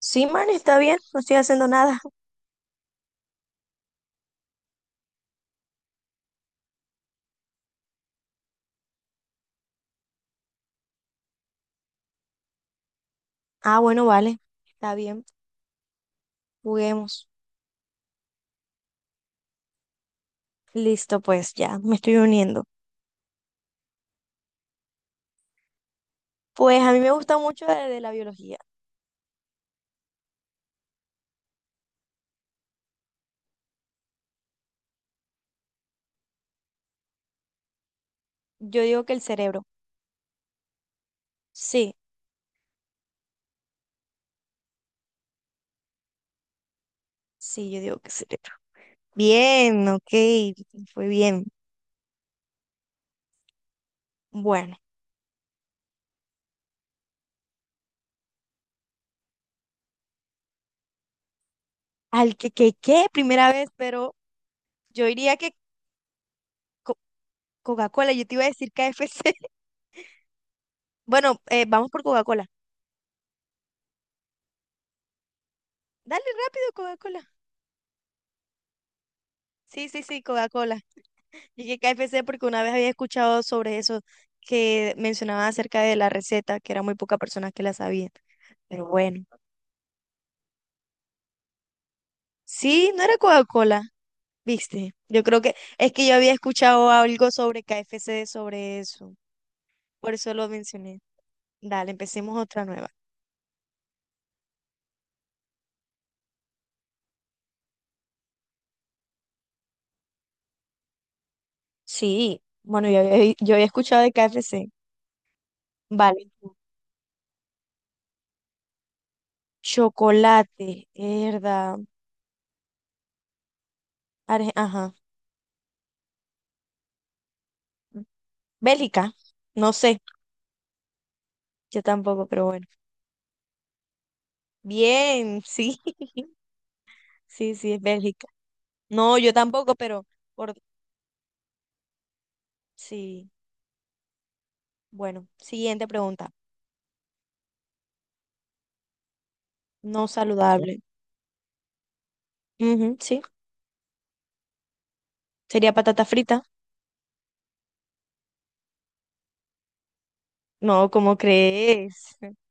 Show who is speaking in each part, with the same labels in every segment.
Speaker 1: Sí, man, está bien, no estoy haciendo nada. Ah, bueno, vale, está bien, juguemos. Listo, pues ya, me estoy uniendo. Pues a mí me gusta mucho de la biología. Yo digo que el cerebro. Sí, sí, yo digo que el cerebro. Bien, ok, fue bien. Bueno, al que, primera vez, pero yo diría que co- Coca-Cola, yo te iba a decir KFC. Bueno, vamos por Coca-Cola. Dale rápido, Coca-Cola. Sí, sí, sí, Coca-Cola. Y que KFC, porque una vez había escuchado sobre eso, que mencionaban acerca de la receta, que era muy pocas personas que la sabían. Pero bueno, sí, no era Coca-Cola, ¿viste? Yo creo que es que yo había escuchado algo sobre KFC sobre eso. Por eso lo mencioné. Dale, empecemos otra nueva. Sí, bueno, yo había escuchado de KFC. Vale. Chocolate, herda, Arge- ajá. Bélgica, no sé, yo tampoco, pero bueno. Bien, sí. Sí, sí, es Bélgica. No, yo tampoco, pero por sí. Bueno, siguiente pregunta. No saludable. Ujú, sí. ¿Sería patata frita? No, ¿cómo crees?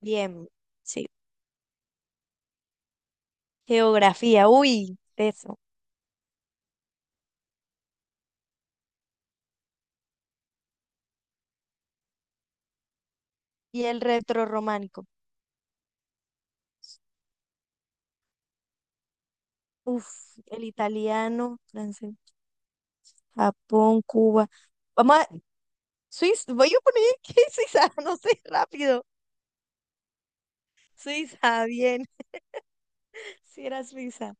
Speaker 1: Bien, sí. Geografía, uy, eso. Y el retrorrománico. Uf, el italiano, francés, Japón, Cuba. Vamos a Suiza, voy a poner que es Suiza, no sé, rápido. Suiza, bien. Si era Suiza.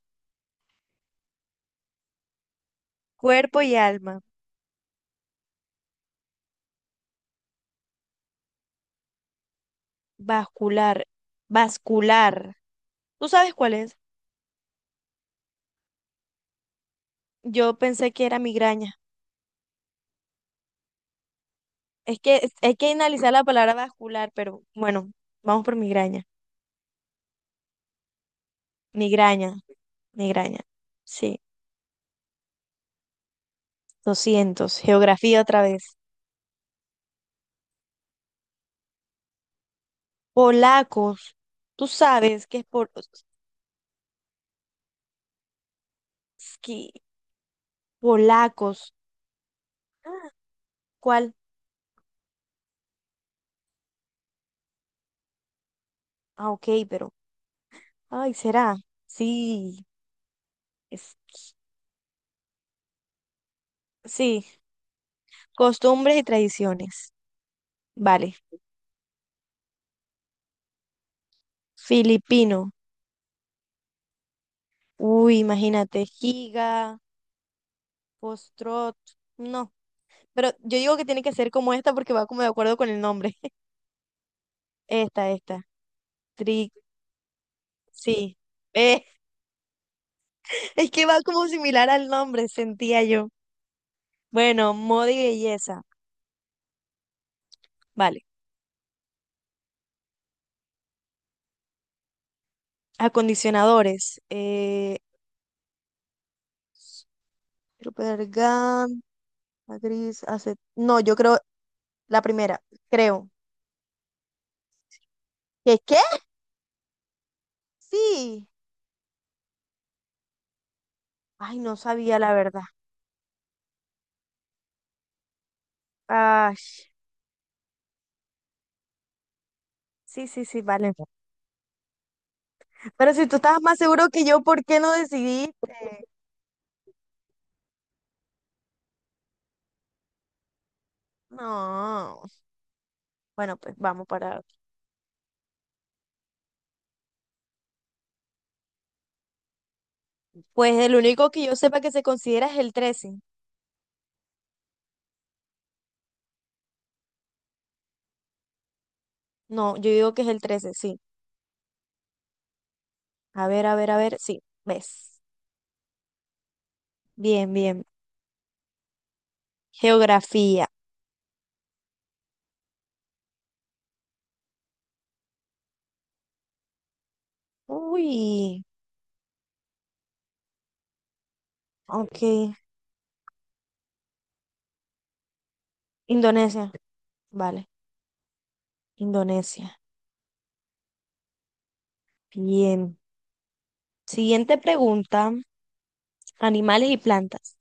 Speaker 1: Cuerpo y alma. Vascular, vascular. ¿Tú sabes cuál es? Yo pensé que era migraña. Es que hay que analizar la palabra vascular, pero bueno, vamos por migraña. Migraña, migraña. Sí, 200. Geografía otra vez. Polacos. ¿Tú sabes qué es por... ski- Polacos. Ah, ¿cuál? Ah, ok, pero... Ay, ¿será? Sí. es- Sí. Costumbres y tradiciones. Vale. Filipino. Uy, imagínate, Giga, Postrot, no, pero yo digo que tiene que ser como esta porque va como de acuerdo con el nombre. Esta, Tri, sí. Eh, es que va como similar al nombre, sentía yo. Bueno, moda y belleza, vale. Acondicionadores, Supergan, Gris, acet... No, yo creo la primera, creo. ¿Qué? Sí. Ay, no sabía la verdad. Ay, sí, sí, sí, vale. Pero si tú estabas más seguro que yo, ¿por qué no decidiste? No. Bueno, pues vamos para. Pues el único que yo sepa que se considera es el 13. No, yo digo que es el trece, sí. A ver, a ver, a ver, sí. ¿Ves? Bien, bien. Geografía. Uy, ok. Indonesia. Vale, Indonesia. Bien. Siguiente pregunta. Animales y plantas.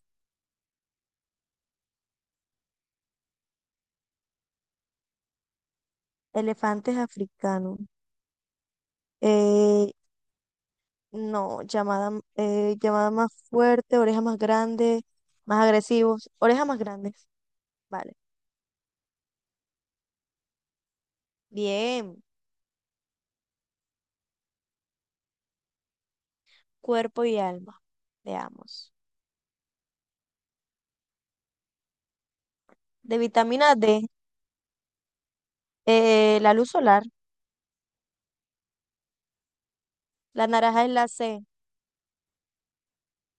Speaker 1: Elefantes africanos. Eh, No, llamada, llamada más fuerte, orejas más grandes, más agresivos, orejas más grandes, vale. Bien, cuerpo y alma, veamos. De vitamina D, la luz solar, la naranja es la C,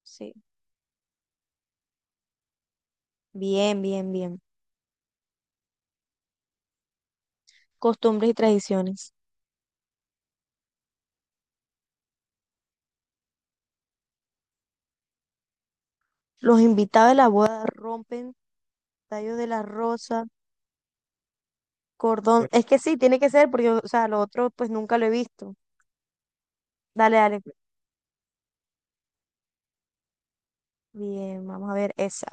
Speaker 1: sí. Bien, bien, bien. Costumbres y tradiciones. Los invitados de la boda rompen tallos de la rosa, cordón. Es que sí, tiene que ser, porque, o sea, lo otro pues nunca lo he visto. Dale, dale. Bien, vamos a ver esa.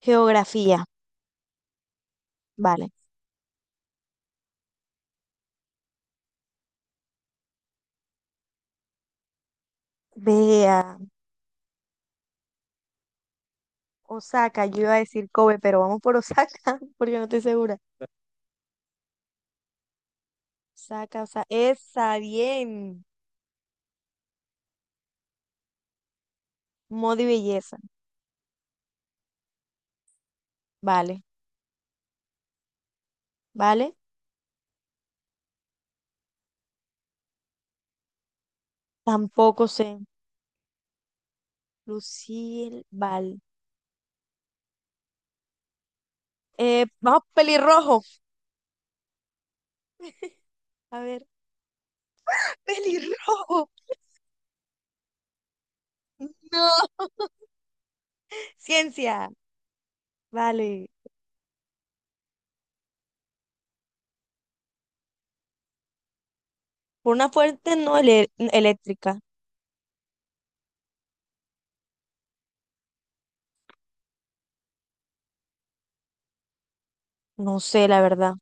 Speaker 1: Geografía, vale. Vea. Osaka, yo iba a decir Kobe, pero vamos por Osaka, porque no estoy segura. Osaka, Osaka, esa, bien. Moda y belleza, vale, vale. Tampoco sé. Lucille, vale. Vamos, pelirrojo. A ver, pelirrojo. No, ciencia, vale. Por una fuerte no eléctrica. No sé, la verdad.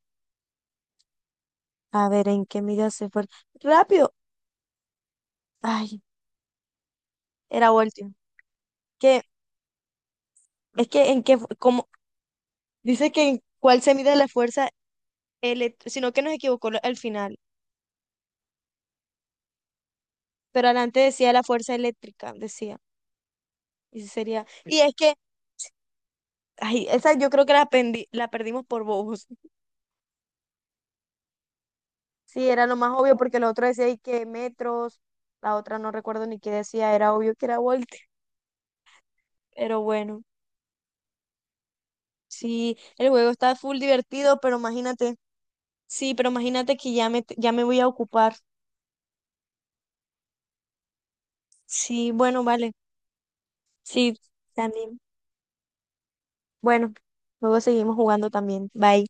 Speaker 1: A ver, ¿en qué medida se fue? Rápido. Ay, era voltio. Que, es que en qué, como, dice que en cuál se mide la fuerza sino que nos equivocó al final. Pero adelante decía la fuerza eléctrica, decía. Y sí sería. Y es que, ay, esa yo creo que la, la perdimos por bobos. Sí, era lo más obvio porque lo otro decía y que metros, la otra no recuerdo ni qué decía, era obvio que era Volt. Pero bueno, sí, el juego está full divertido, pero imagínate, sí, pero imagínate que ya me voy a ocupar. Sí, bueno, vale. Sí, también. Bueno, luego seguimos jugando también. Bye.